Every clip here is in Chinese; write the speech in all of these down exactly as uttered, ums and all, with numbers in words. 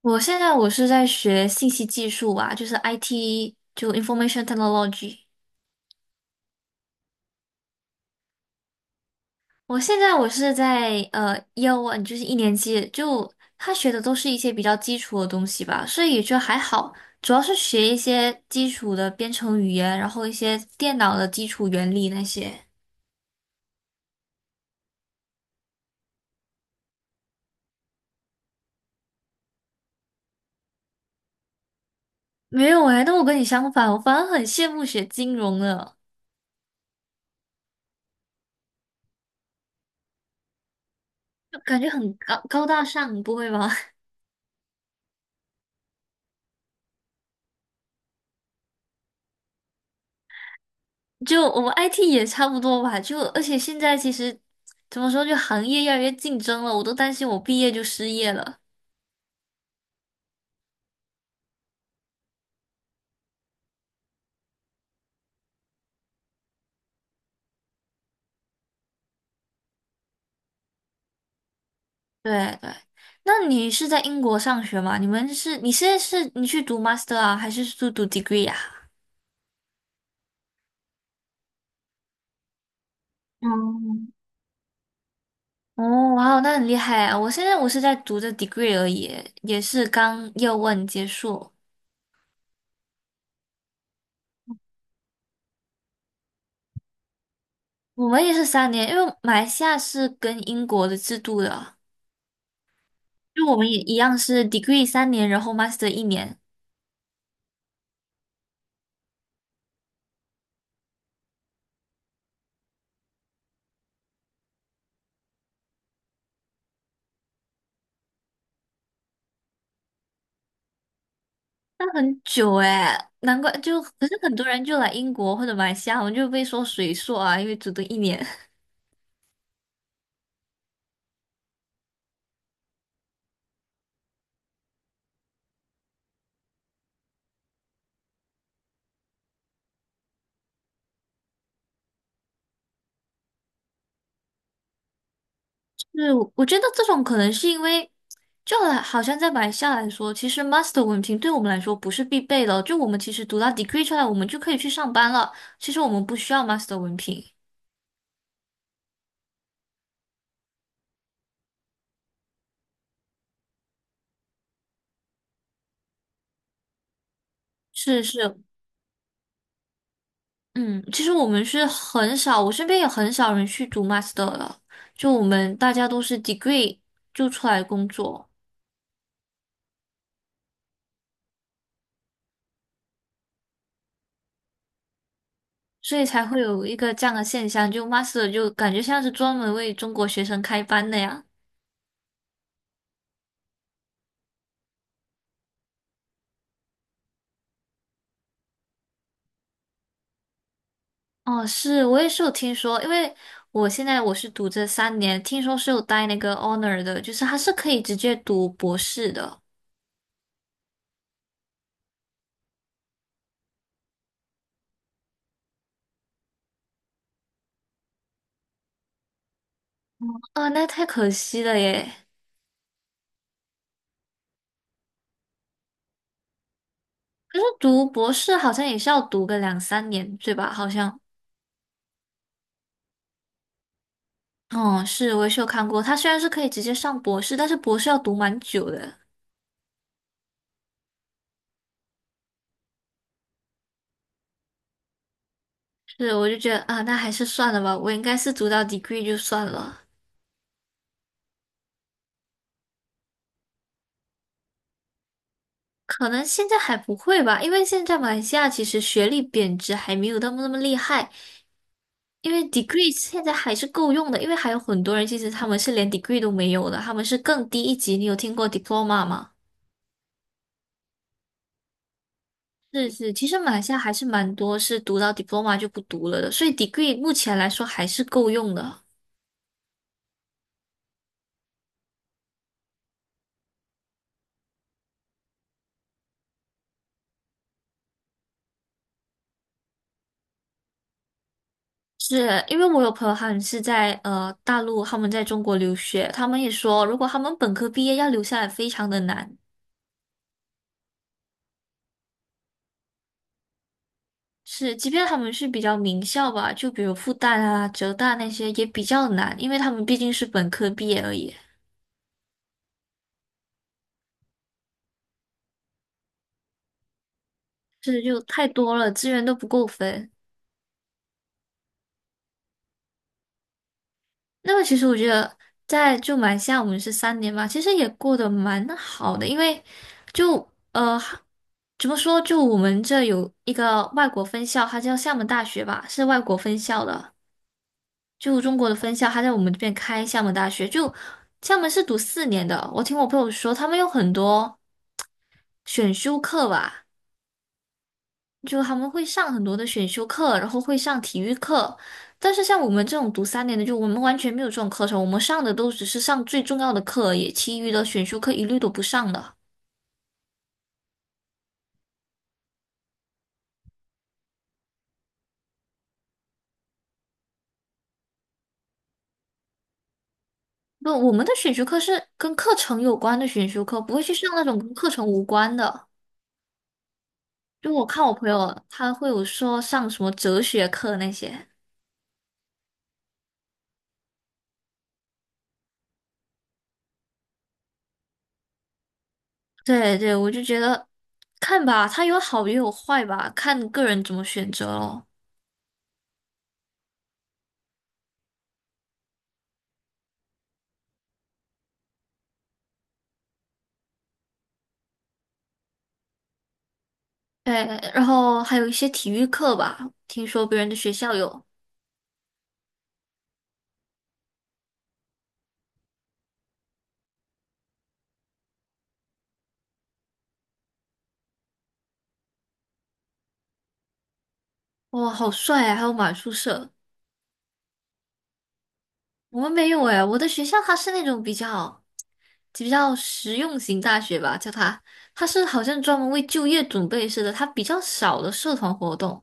我现在我是在学信息技术啊，就是 I T，就 Information Technology。我现在我是在呃 y e a One，就是一年级，就他学的都是一些比较基础的东西吧，所以也就还好。主要是学一些基础的编程语言，然后一些电脑的基础原理那些。没有哎，那我跟你相反，我反而很羡慕学金融的，就感觉很高高大上，不会吗？就我们 I T 也差不多吧，就而且现在其实怎么说，就行业越来越竞争了，我都担心我毕业就失业了。对对，那你是在英国上学吗？你们是你现在是你去读 master 啊，还是去读 degree 啊？嗯，哦，哇哦，那很厉害啊！我现在我是在读的 degree 而已，也是刚 year one 结束。我们也是三年，因为马来西亚是跟英国的制度的，就我们也一样是 degree 三年，然后 master 一年。那很久哎，难怪就，可是很多人就来英国或者马来西亚，我们就被说水硕啊，因为只读一年。是，我我觉得这种可能是因为，就好像在马来西亚来说，其实 master 文凭对我们来说不是必备的，就我们其实读到 degree 出来，我们就可以去上班了。其实我们不需要 master 文凭。是是，嗯，其实我们是很少，我身边也很少人去读 master 了，就我们大家都是 degree 就出来工作。所以才会有一个这样的现象，就 Master 就感觉像是专门为中国学生开班的呀。哦，是，我也是有听说，因为我现在我是读这三年，听说是有带那个 honor 的，就是他是可以直接读博士的。呃，那太可惜了耶。可是读博士好像也是要读个两三年，对吧？好像，哦，是，我也是有看过，他虽然是可以直接上博士，但是博士要读蛮久的。是，我就觉得啊，那还是算了吧，我应该是读到 degree 就算了。可能现在还不会吧，因为现在马来西亚其实学历贬值还没有那么那么厉害，因为 degree 现在还是够用的，因为还有很多人其实他们是连 degree 都没有的，他们是更低一级。你有听过 diploma 吗？是是，其实马来西亚还是蛮多是读到 diploma 就不读了的，所以 degree 目前来说还是够用的。是因为我有朋友他们是在呃大陆，他们在中国留学，他们也说如果他们本科毕业要留下来非常的难。是，即便他们是比较名校吧，就比如复旦啊、浙大那些也比较难，因为他们毕竟是本科毕业而已，是就太多了，资源都不够分。那么其实我觉得在就马来西亚我们是三年嘛，其实也过得蛮好的，因为就呃怎么说，就我们这有一个外国分校，它叫厦门大学吧，是外国分校的，就中国的分校，它在我们这边开厦门大学，就厦门是读四年的，我听我朋友说，他们有很多。选修课吧，就他们会上很多的选修课，然后会上体育课。但是像我们这种读三年的，就我们完全没有这种课程，我们上的都只是上最重要的课而已，其余的选修课一律都不上的。不，我们的选修课是跟课程有关的选修课，不会去上那种跟课程无关的。就我看我朋友，他会有说上什么哲学课那些。对对，我就觉得看吧，它有好也有坏吧，看个人怎么选择咯。对，然后还有一些体育课吧，听说别人的学校有，哇，好帅啊！还有马术社，我们没有哎。我的学校它是那种比较比较实用型大学吧，叫它，它是好像专门为就业准备似的，它比较少的社团活动，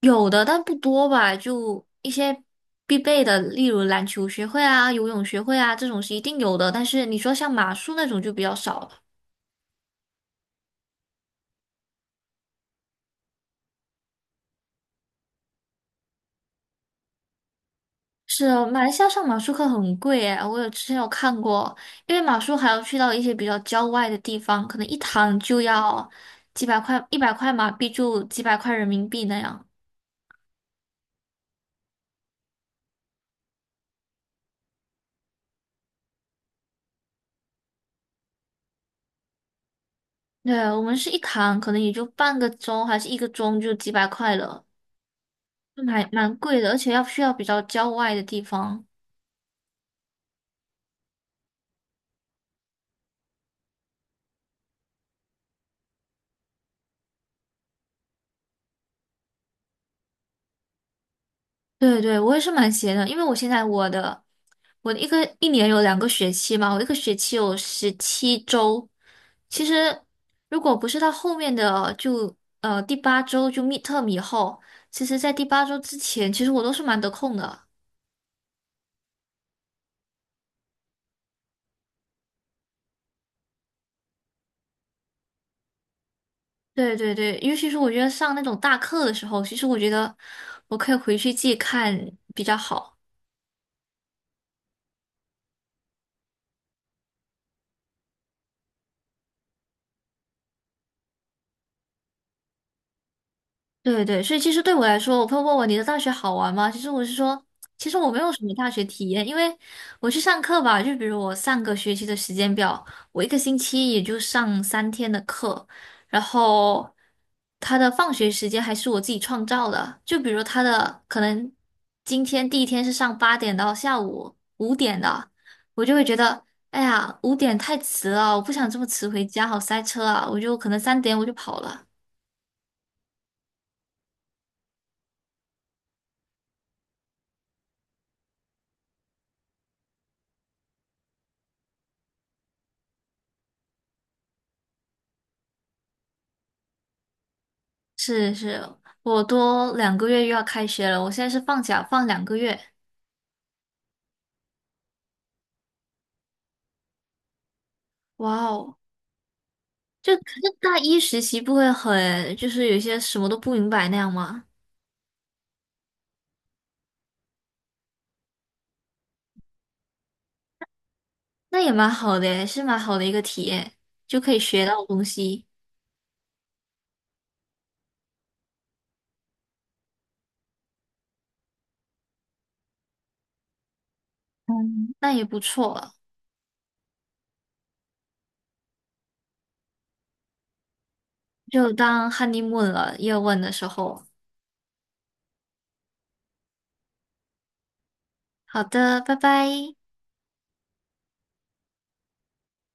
有的但不多吧，就一些必备的，例如篮球学会啊、游泳学会啊这种是一定有的，但是你说像马术那种就比较少了。是啊，马来西亚上马术课很贵诶，我有之前有看过，因为马术还要去到一些比较郊外的地方，可能一堂就要几百块，一百块马币就几百块人民币那样。对，我们是一堂，可能也就半个钟还是一个钟就几百块了，就蛮蛮贵的，而且要去到比较郊外的地方。对对，我也是蛮闲的，因为我现在我的我的一个一年有两个学期嘛，我一个学期有十七周。其实如果不是到后面的就呃第八周就 midterm 以后，其实在第八周之前，其实我都是蛮得空的。对对对，尤其是我觉得上那种大课的时候，其实我觉得我可以回去自己看比较好。对对，所以其实对我来说，我朋友问我你的大学好玩吗？其实我是说，其实我没有什么大学体验，因为我去上课吧，就比如我上个学期的时间表，我一个星期也就上三天的课，然后他的放学时间还是我自己创造的，就比如他的可能今天第一天是上八点到下午五点的，我就会觉得。哎呀，五点太迟了，我不想这么迟回家，好塞车啊！我就可能三点我就跑了。是是，我多两个月又要开学了，我现在是放假放两个月，哇哦！就可是大一实习不会很，就是有些什么都不明白那样吗？那也蛮好的耶，是蛮好的一个体验，就可以学到东西，嗯，那也不错了，就当 honeymoon 了，夜问的时候。好的，拜拜。